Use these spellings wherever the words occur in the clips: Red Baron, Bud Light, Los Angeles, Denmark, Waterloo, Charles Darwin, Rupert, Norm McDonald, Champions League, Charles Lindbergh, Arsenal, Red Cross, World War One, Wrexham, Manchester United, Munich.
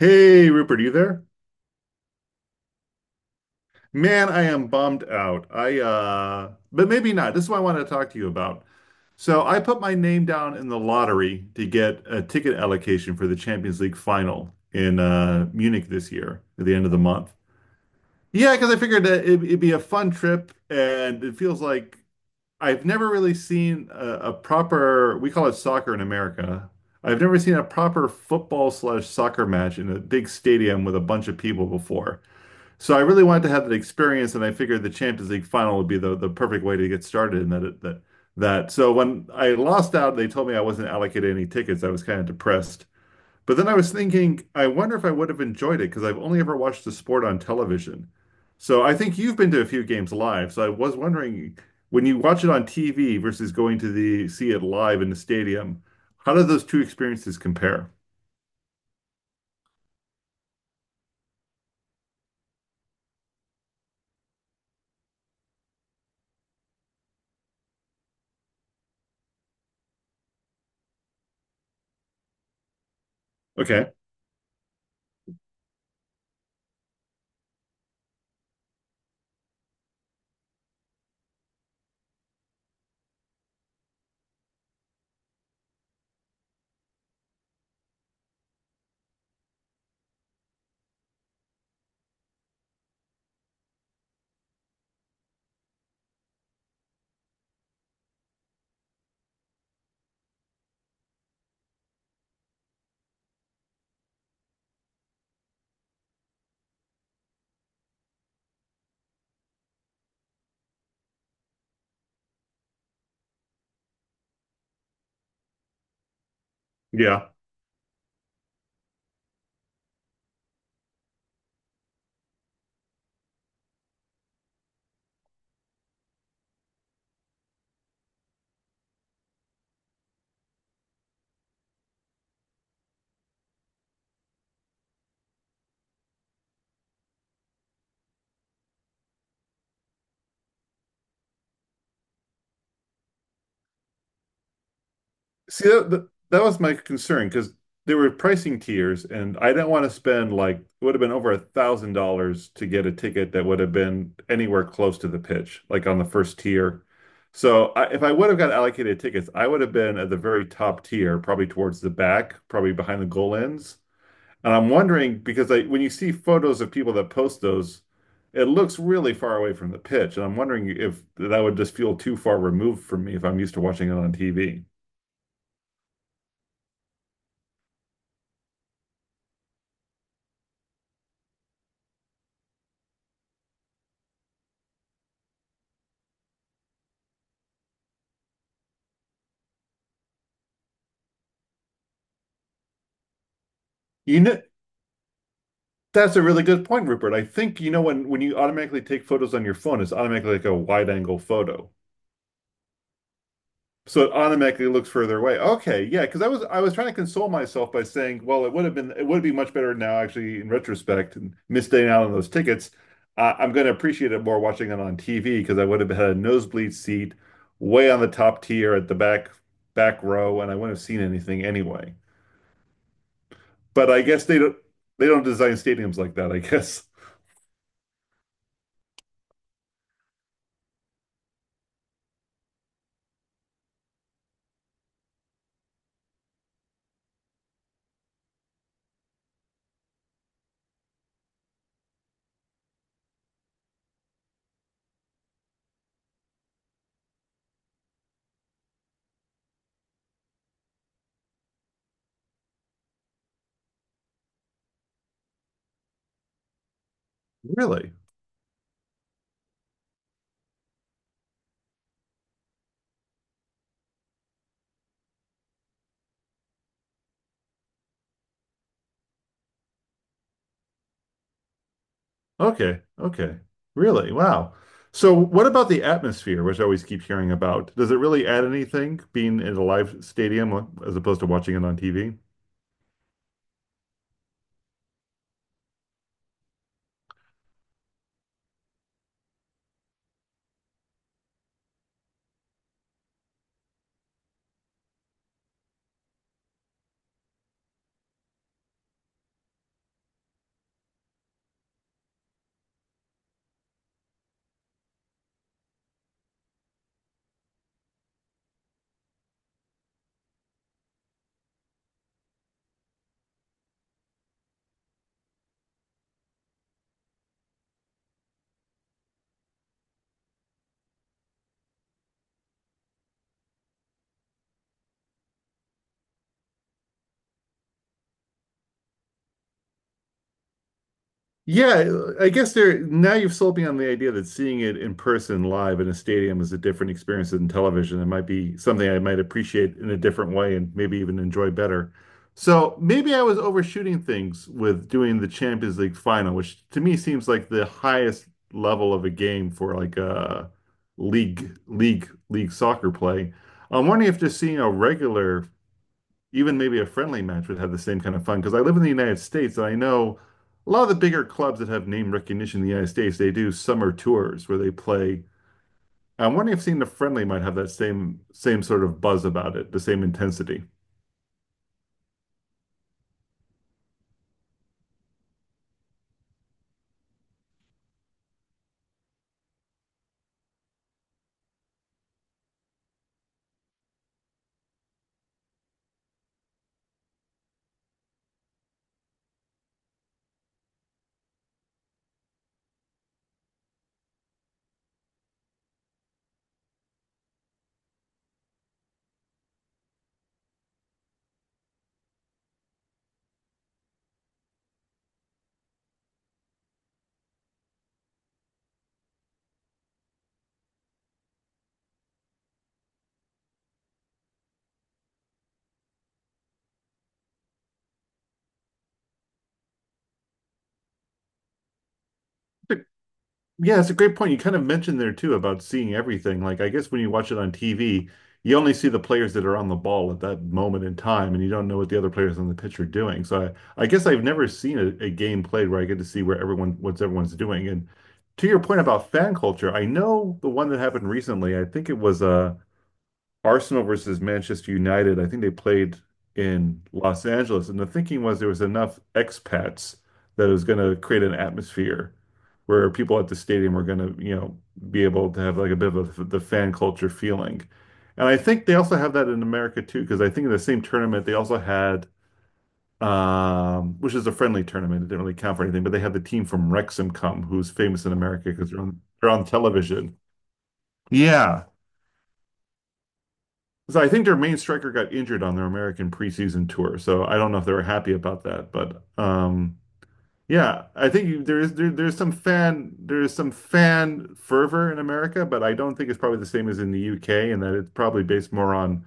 Hey Rupert, are you there? Man, I am bummed out. I but maybe not. This is what I want to talk to you about. So I put my name down in the lottery to get a ticket allocation for the Champions League final in Munich this year at the end of the month. Yeah, because I figured that it'd be a fun trip and it feels like I've never really seen a proper, we call it soccer in America. I've never seen a proper football slash soccer match in a big stadium with a bunch of people before. So I really wanted to have that experience, and I figured the Champions League final would be the perfect way to get started in that it, that that. So when I lost out, they told me I wasn't allocated any tickets. I was kind of depressed. But then I was thinking, I wonder if I would have enjoyed it because I've only ever watched the sport on television. So I think you've been to a few games live. So I was wondering, when you watch it on TV versus going to the see it live in the stadium, how do those two experiences compare? Okay. Yeah. See, that was my concern because there were pricing tiers, and I didn't want to spend like it would have been over $1,000 to get a ticket that would have been anywhere close to the pitch, like on the first tier. So I, if I would have got allocated tickets, I would have been at the very top tier, probably towards the back, probably behind the goal ends. And I'm wondering because I, when you see photos of people that post those, it looks really far away from the pitch, and I'm wondering if that would just feel too far removed from me if I'm used to watching it on TV. You know, that's a really good point, Rupert. I think, you know, when you automatically take photos on your phone, it's automatically like a wide angle photo. So it automatically looks further away. Okay, yeah, because I was trying to console myself by saying, well, it would be much better now, actually, in retrospect, and missing out on those tickets. I'm going to appreciate it more watching it on TV because I would have had a nosebleed seat way on the top tier at the back back row, and I wouldn't have seen anything anyway. But I guess they don't design stadiums like that, I guess. Really? Okay. Okay. Really? Wow. So what about the atmosphere, which I always keep hearing about? Does it really add anything being in a live stadium as opposed to watching it on TV? Yeah, I guess there now you've sold me on the idea that seeing it in person live in a stadium is a different experience than television. It might be something I might appreciate in a different way and maybe even enjoy better. So maybe I was overshooting things with doing the Champions League final, which to me seems like the highest level of a game for like a league soccer play. I'm wondering if just seeing a regular even maybe a friendly match would have the same kind of fun. Because I live in the United States and I know a lot of the bigger clubs that have name recognition in the United States, they do summer tours where they play. I'm wondering if seeing the friendly might have that same sort of buzz about it, the same intensity. It's a Yeah, it's a great point. You kind of mentioned there too about seeing everything. Like, I guess when you watch it on TV, you only see the players that are on the ball at that moment in time, and you don't know what the other players on the pitch are doing. So I guess I've never seen a game played where I get to see where everyone, what's everyone's doing. And to your point about fan culture, I know the one that happened recently. I think it was Arsenal versus Manchester United. I think they played in Los Angeles, and the thinking was there was enough expats that it was going to create an atmosphere where people at the stadium were going to, you know, be able to have like a bit of a, the fan culture feeling. And I think they also have that in America too, because I think in the same tournament they also had, which is a friendly tournament. It didn't really count for anything, but they had the team from Wrexham come, who's famous in America because they're on television. Yeah. So I think their main striker got injured on their American preseason tour, so I don't know if they were happy about that, but yeah, there is there's some fan fervor in America, but I don't think it's probably the same as in the UK, and that it's probably based more on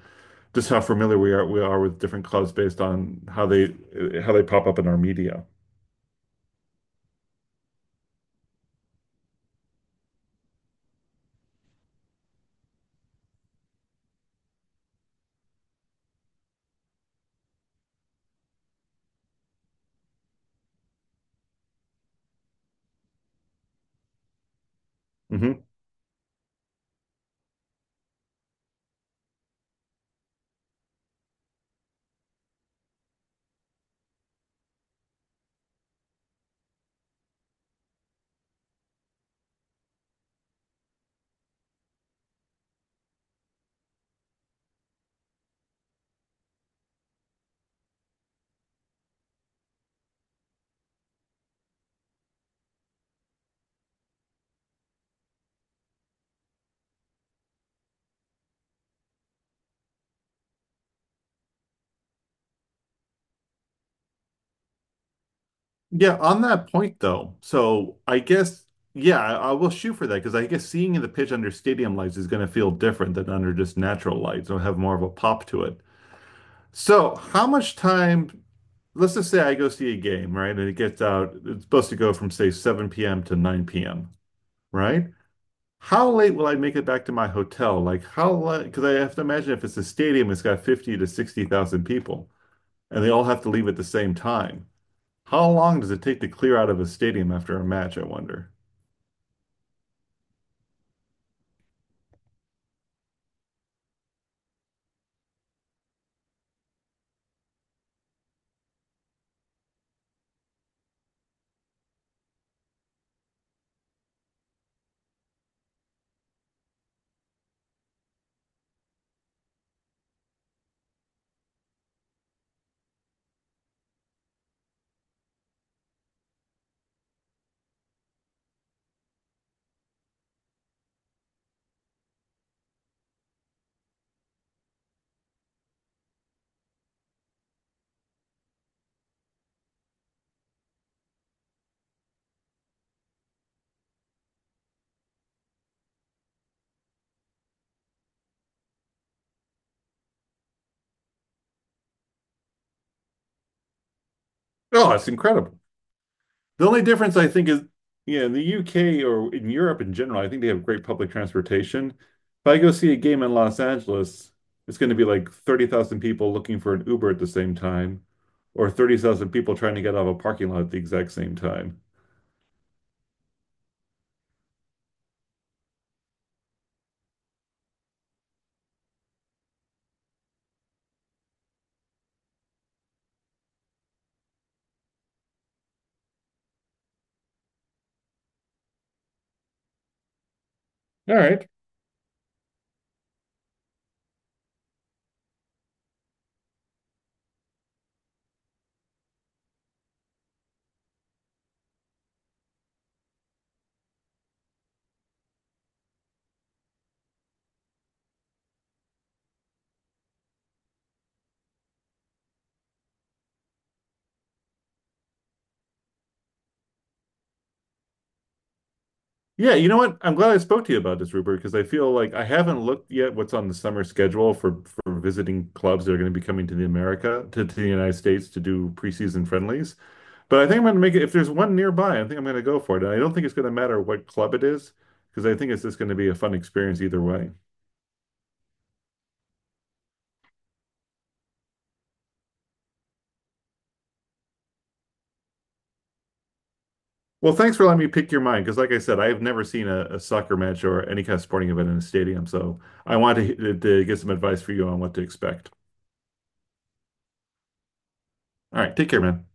just how familiar we are with different clubs based on how they pop up in our media. hmm Yeah, on that point though, so I will shoot for that because I guess seeing the pitch under stadium lights is going to feel different than under just natural lights. It'll have more of a pop to it. So, how much time? Let's just say I go see a game, right? And it gets out. It's supposed to go from say 7 p.m. to 9 p.m., right? How late will I make it back to my hotel? Like how late? Because I have to imagine if it's a stadium, it's got 50 to 60,000 people, and they all have to leave at the same time. How long does it take to clear out of a stadium after a match, I wonder? Oh, it's incredible. The only difference I think is, yeah, in the UK or in Europe in general, I think they have great public transportation. If I go see a game in Los Angeles, it's going to be like 30,000 people looking for an Uber at the same time, or 30,000 people trying to get out of a parking lot at the exact same time. All right. Yeah, you know what? I'm glad I spoke to you about this, Rupert, because I feel like I haven't looked yet what's on the summer schedule for visiting clubs that are going to be coming to the America to the United States to do preseason friendlies. But I think I'm going to make it if there's one nearby, I think I'm going to go for it. And I don't think it's going to matter what club it is because I think it's just going to be a fun experience either way. Well, thanks for letting me pick your mind because, like I said, I have never seen a soccer match or any kind of sporting event in a stadium, so I wanted to get some advice for you on what to expect. All right, take care, man.